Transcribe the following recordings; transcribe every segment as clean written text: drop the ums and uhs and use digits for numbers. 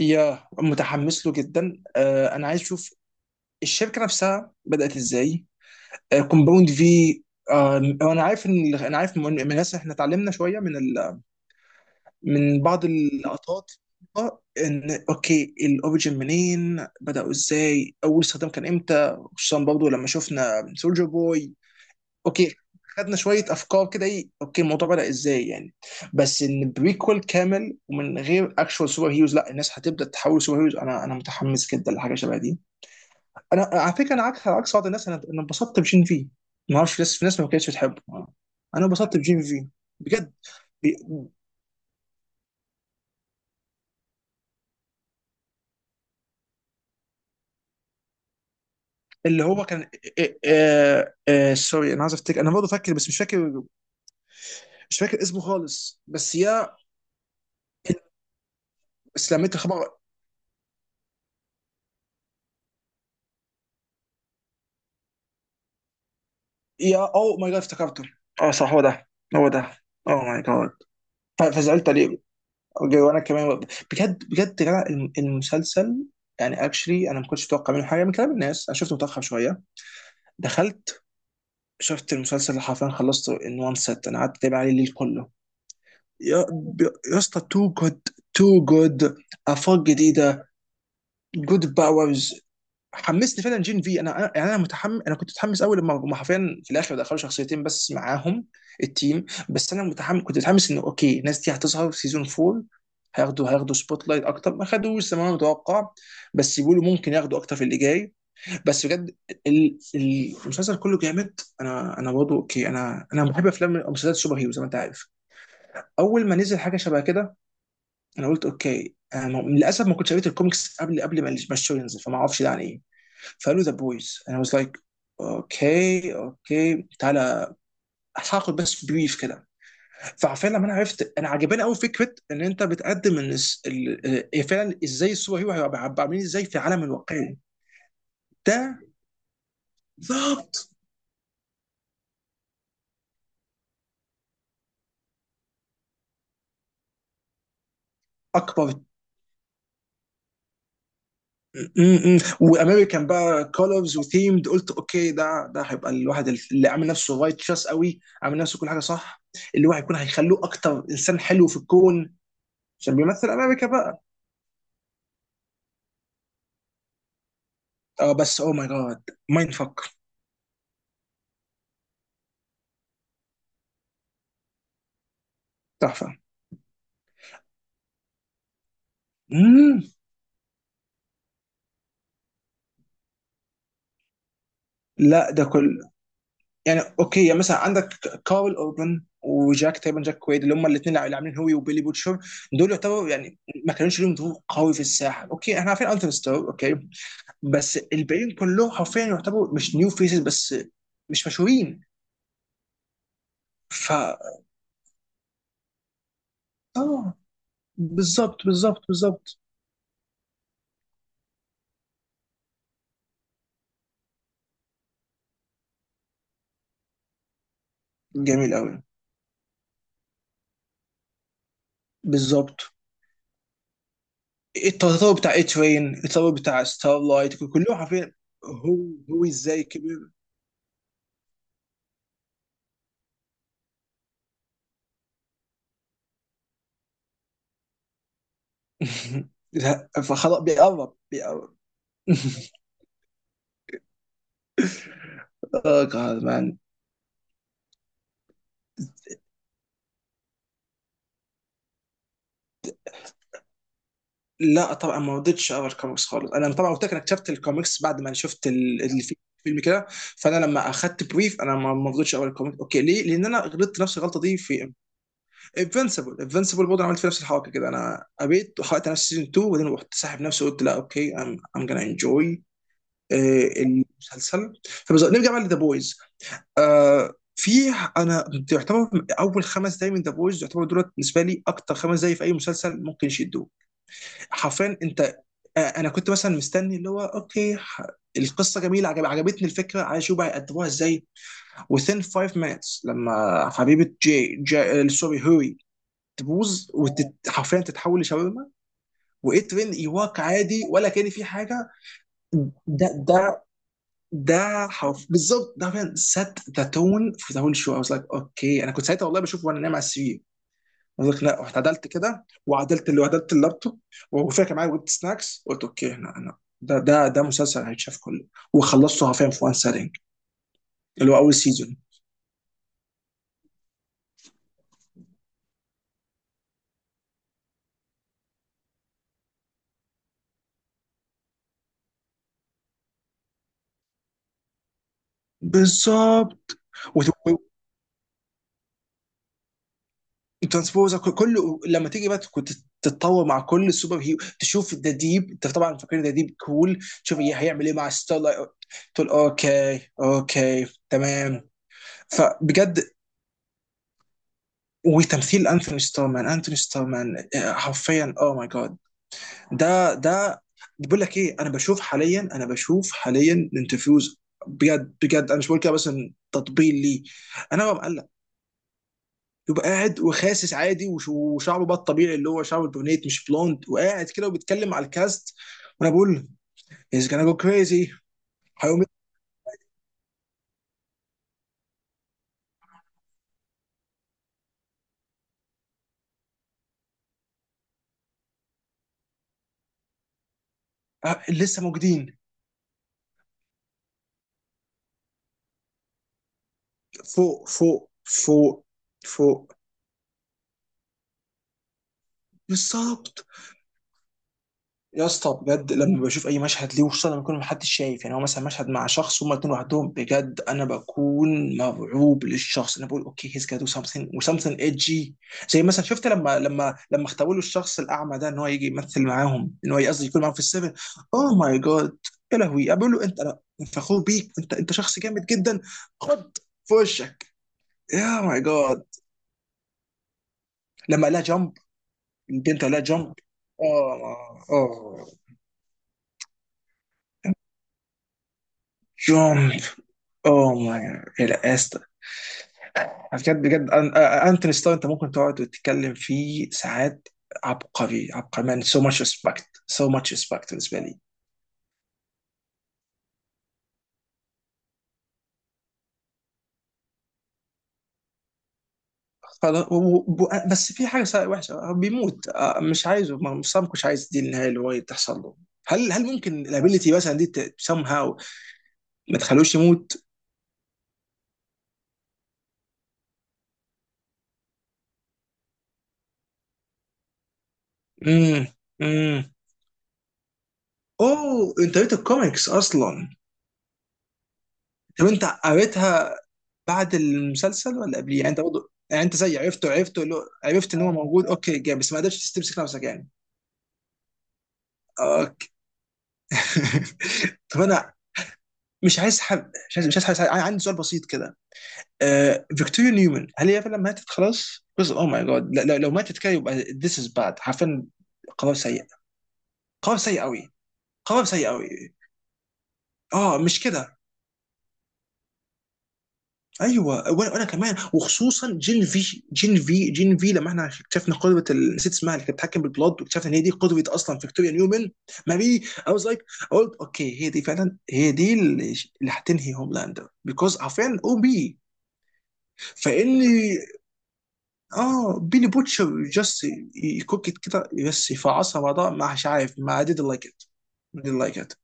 يا متحمس له جدا. انا عايز اشوف الشركه نفسها بدات ازاي. كومباوند في. انا عارف من الناس، احنا اتعلمنا شويه من من بعض اللقطات. آه، ان اوكي، الاوريجن منين، بداوا ازاي، اول استخدام كان امتى، خصوصا برضه لما شفنا سولجر بوي. اوكي خدنا شويه افكار كده، ايه اوكي الموضوع بدأ ازاي يعني. بس ان بريكول كامل ومن غير اكشوال سوبر هيروز، لا الناس هتبدا تحول سوبر هيروز. انا متحمس جدا لحاجه شبه دي. انا على فكره، انا عكس بعض الناس. انا انبسطت بجين في. ما اعرفش، في ناس ما كانتش بتحبه. انا انبسطت بجين في، بجد. بي- اللي هو كان... سوري، انا عايز افتكر، انا برضه فاكر بس مش فاكر. مش فاكر اسمه خالص، بس يا... بس لما انت خبر... يا او ماي جاد، افتكرته! اه صح، هو ده، هو ده. او ماي جاد. فزعلت عليه وانا كمان. بجد بجد يا جدع، المسلسل يعني اكشلي انا ما كنتش متوقع منه حاجه. من كلام الناس انا شفته متاخر شويه. دخلت شفت المسلسل اللي حرفيا خلصته ان وان سيت، انا قعدت اتابع عليه الليل كله. يا يا اسطى، تو جود، تو جود. افاق جديده، جود باورز. حمسني فعلا جين في. انا يعني انا متحمس انا كنت متحمس قوي لما هم حرفيا في الاخر دخلوا شخصيتين بس معاهم التيم. بس انا متحمس كنت متحمس انه اوكي الناس دي هتظهر في سيزون 4. هياخدوا سبوت لايت اكتر ما خدوش زي ما انا متوقع، بس يقولوا ممكن ياخدوا اكتر في اللي جاي. بس بجد، المسلسل كله جامد. انا برضه اوكي، انا بحب افلام ومسلسلات السوبر هيرو زي ما انت عارف. اول ما نزل حاجه شبه كده، انا قلت اوكي، للاسف ما كنتش قريت الكوميكس قبل ما الشو ينزل، فما اعرفش ده عن ايه. فقالوا ذا بويز، انا واز لايك: اوكي اوكي تعالى، هاخد بس بريف كده. فعارفين لما انا عرفت، انا عجباني قوي فكره ان انت بتقدم ان فعلا ازاي السوبر هيرو هيبقى، عاملين ازاي في عالم الواقعي. ده بالظبط اكبر. وامريكان بقى كولرز وثيمد، قلت اوكي ده هيبقى الواحد اللي عامل نفسه رايتشس قوي، عامل نفسه كل حاجه صح، اللي هو هيخلوه اكتر انسان حلو في الكون عشان بيمثل امريكا بقى. اه بس او ماي جاد، مايند فك، تحفه. مم. لا ده كل يعني اوكي، يعني مثلا عندك كارل اوربن وجاك، تقريبا جاك كويد، اللي هم الاثنين اللي عاملين هوي وبيلي بوتشر. دول يعتبروا يعني ما كانوش لهم ظهور قوي في الساحه. اوكي احنا عارفين التون ستار اوكي، بس الباقيين كلهم حرفيا يعتبروا مش نيو فيسز بس، مش مشهورين. ف اه بالظبط بالظبط بالظبط، جميل قوي، بالظبط. التطور بتاع اي ترين، التطور بتاع ستار لايت، كلهم حرفيا هو هو ازاي كبر. لا فخلاص بيقرب بيقرب. اه جاد مان. لا طبعا ما رضيتش اقرا الكوميكس خالص. انا طبعا قلت لك انا اكتشفت الكوميكس بعد ما شفت الفيلم كده. فانا لما اخدت بريف، انا ما رضيتش اقرا الكوميكس. اوكي ليه؟ لان انا غلطت نفس الغلطه دي في انفنسبل. انفنسبل برضه أنا عملت في نفس الحركه كده، انا قريت وحرقت نفسي سيزون 2، وبعدين رحت ساحب نفسي وقلت لا اوكي، ام ام جonna انجوي المسلسل. نرجع بقى لذا بويز. في، انا تعتبر اول 5 دقايق من ذا بويز يعتبر دولت بالنسبه لي، اكتر 5 دقايق في اي مسلسل ممكن يشدوه حرفيا. انت انا كنت مثلا مستني اللي هو اوكي، القصه جميله، عجبتني الفكره، عايز اشوف بقى يقدموها ازاي. within 5 minutes لما حبيبه جي, جي آه، سوري هوري تبوظ وحرفيا تتحول لشاورما. وايت رين، يواك عادي ولا كان في حاجه؟ ده ده ده حرف بالظبط، ده فعلا set the tone for the whole show. I was like اوكي، انا كنت ساعتها والله بشوف وانا نايم على السرير. I was like لا، رحت عدلت كده وعدلت، اللي عدلت اللابتوب، وفاكر كان معايا ويت سناكس، قلت اوكي هنا انا، ده مسلسل هيتشاف كله. وخلصته حرفيا في وان سيتنج، اللي هو اول سيزون. بالظبط. وترانسبوزر كله لما تيجي بقى، كنت تتطور مع كل السوبر هيرو. تشوف ذا ديب، انت طبعا فاكرين ذا ديب كول، تشوف هيعمل ايه مع ستارلايت، تقول اوكي اوكي تمام. فبجد وتمثيل انثوني ستورمان انثوني ستورمان، حرفيا او ماي جاد. ده ده بقول لك ايه، انا بشوف حاليا الانترفيوز. بجد بجد انا مش بقول كده بس إن تطبيل ليه، انا ببقى مقلق. يبقى قاعد وخاسس عادي، وشعره بقى الطبيعي اللي هو شعره البرونيت مش بلوند، وقاعد كده وبيتكلم على الكاست، وانا بقول از جونا جو كريزي، هيقوم. لسه موجودين فوق فوق فوق فوق، بالظبط. يا اسطى بجد، لما بشوف اي مشهد ليه، وخصوصا لما يكون محدش شايف، يعني هو مثلا مشهد مع شخص هما الاتنين لوحدهم، بجد انا بكون مرعوب للشخص. انا بقول اوكي هيز جادو سمثينج وسمثينج ايجي. زي مثلا شفت لما اختاروا له الشخص الاعمى ده، ان هو يجي يمثل معاهم، ان هو قصدي يكون معاهم في السيفن. اوه ماي جاد، يا لهوي، أنا بقول له انت، انا فخور بيك، انت شخص جامد جدا. خد في وشك. يا ماي جاد، لما لا جامب، البنت لا جامب. اه اه، جامب. اوه ماي، لا يا اسطى، بجد بجد، انتوني ستار، انت ممكن تقعد وتتكلم فيه ساعات. عبقري عبقري مان، سو ماتش ريسبكت، سو ماتش ريسبكت بالنسبه لي. خلاص بس في حاجه وحشه، هو بيموت، مش عايزه، مش سام، مش عايز دي النهايه اللي هو تحصل له. هل ممكن الابيلتي مثلا دي سام هاو ما تخلوش يموت؟ امم امم. اوه، انت قريت الكوميكس اصلا؟ طب انت قريتها بعد المسلسل ولا قبليه، يعني انت برضه يعني انت زي عرفته عرفت ان هو موجود اوكي جامد بس ما قدرتش تمسك نفسك يعني. اوكي. طب انا مش عايز حب، مش عايز مش عايز, عايز، عندي سؤال بسيط كده. فيكتوريا نيومن، هل هي فعلا ماتت خلاص؟ جزء اوه ماي جاد، لو ماتت كده يبقى this is bad حرفيا. قرار سيء، قرار سيء قوي، قرار سيء قوي. اه مش كده، ايوه. وأنا كمان، وخصوصا جين في جين في جين في، لما احنا اكتشفنا قدوه نسيت اسمها، اللي كانت بتتحكم بالبلاد، واكتشفنا ان هي دي قدوه اصلا فيكتوريا نيومن. ماري، اي واز لايك، قلت اوكي هي دي فعلا، هي دي اللي هتنهي هوملاندر، بيكوز عارفين او بي. فان، اه، بيلي بوتشر جاست يكوك إت كده بس، يفعصها بعضها مش عارف. ما I didn't like it, didn't like it.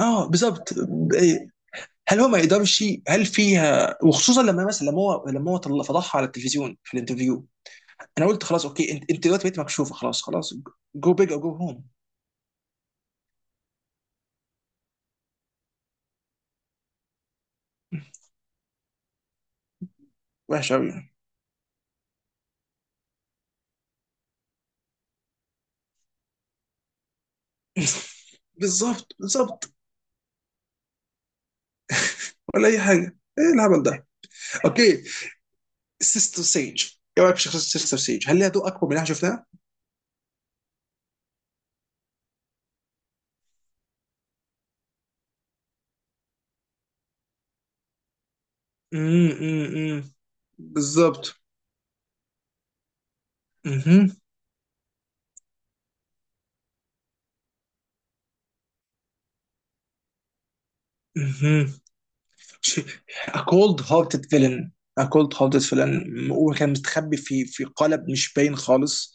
اه بالظبط. هل هو ما يقدرش؟ هل فيها؟ وخصوصا لما مثلا لما هو فضحها على التلفزيون في الانترفيو. انا قلت خلاص اوكي، انت دلوقتي بقيت مكشوفه، خلاص خلاص. جو بيج او جو هوم. وحش قوي يعني. بالظبط بالظبط، ولا اي حاجه، ايه الهبل ده! اوكي، سيستر سيج، ايه رايك في شخصيه سيستر سيج؟ هل ليها دور اكبر من اللي احنا شفناه؟ امم، بالظبط، امم امم. A cold hearted villain. A cold hearted villain، هو كان مستخبي في قالب مش باين خالص.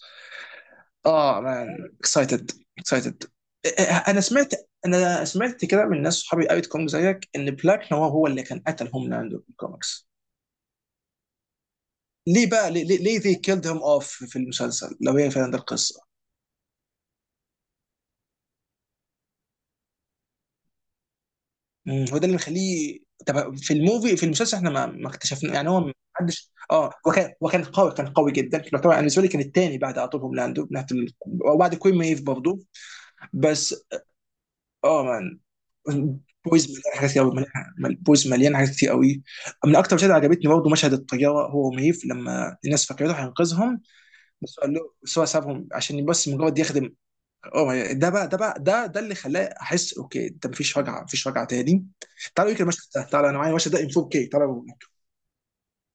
اه مان، اكسايتد، اكسايتد. انا سمعت، انا سمعت كده من ناس صحابي قريت كونج زيك ان بلاك نوار هو اللي كان قتل هوم لاندو في الكوميكس. ليه بقى، ليه they killed him off في المسلسل لو هي فعلا ده القصه؟ مم، هو ده اللي مخليه. طب في الموفي، في المسلسل احنا ما اكتشفنا يعني هو ما حدش، وكان قوي، كان قوي جدا يعتبر. انا بالنسبه لي كان الثاني بعد على طول هوم لاندو من ناحيه وبعد كوين ميف برضه. بس اه مان، بويز مليان حاجات كتير قوي مليان، بويز مليان حاجات كتير قوي. من اكتر مشاهد عجبتني برضه مشهد الطياره هو وميف، لما الناس فكرته هينقذهم، بس هو قال له بس، هو سابهم عشان بس مجرد يخدم. أوه ما- ده بقى ده بقى ده ده اللي خلاه احس اوكي، ده مفيش رجعه، مفيش رجعه تاني. تعالوا يمكن المشهد ده، تعالوا انا معايا المشهد ده ان 4K، تعالوا.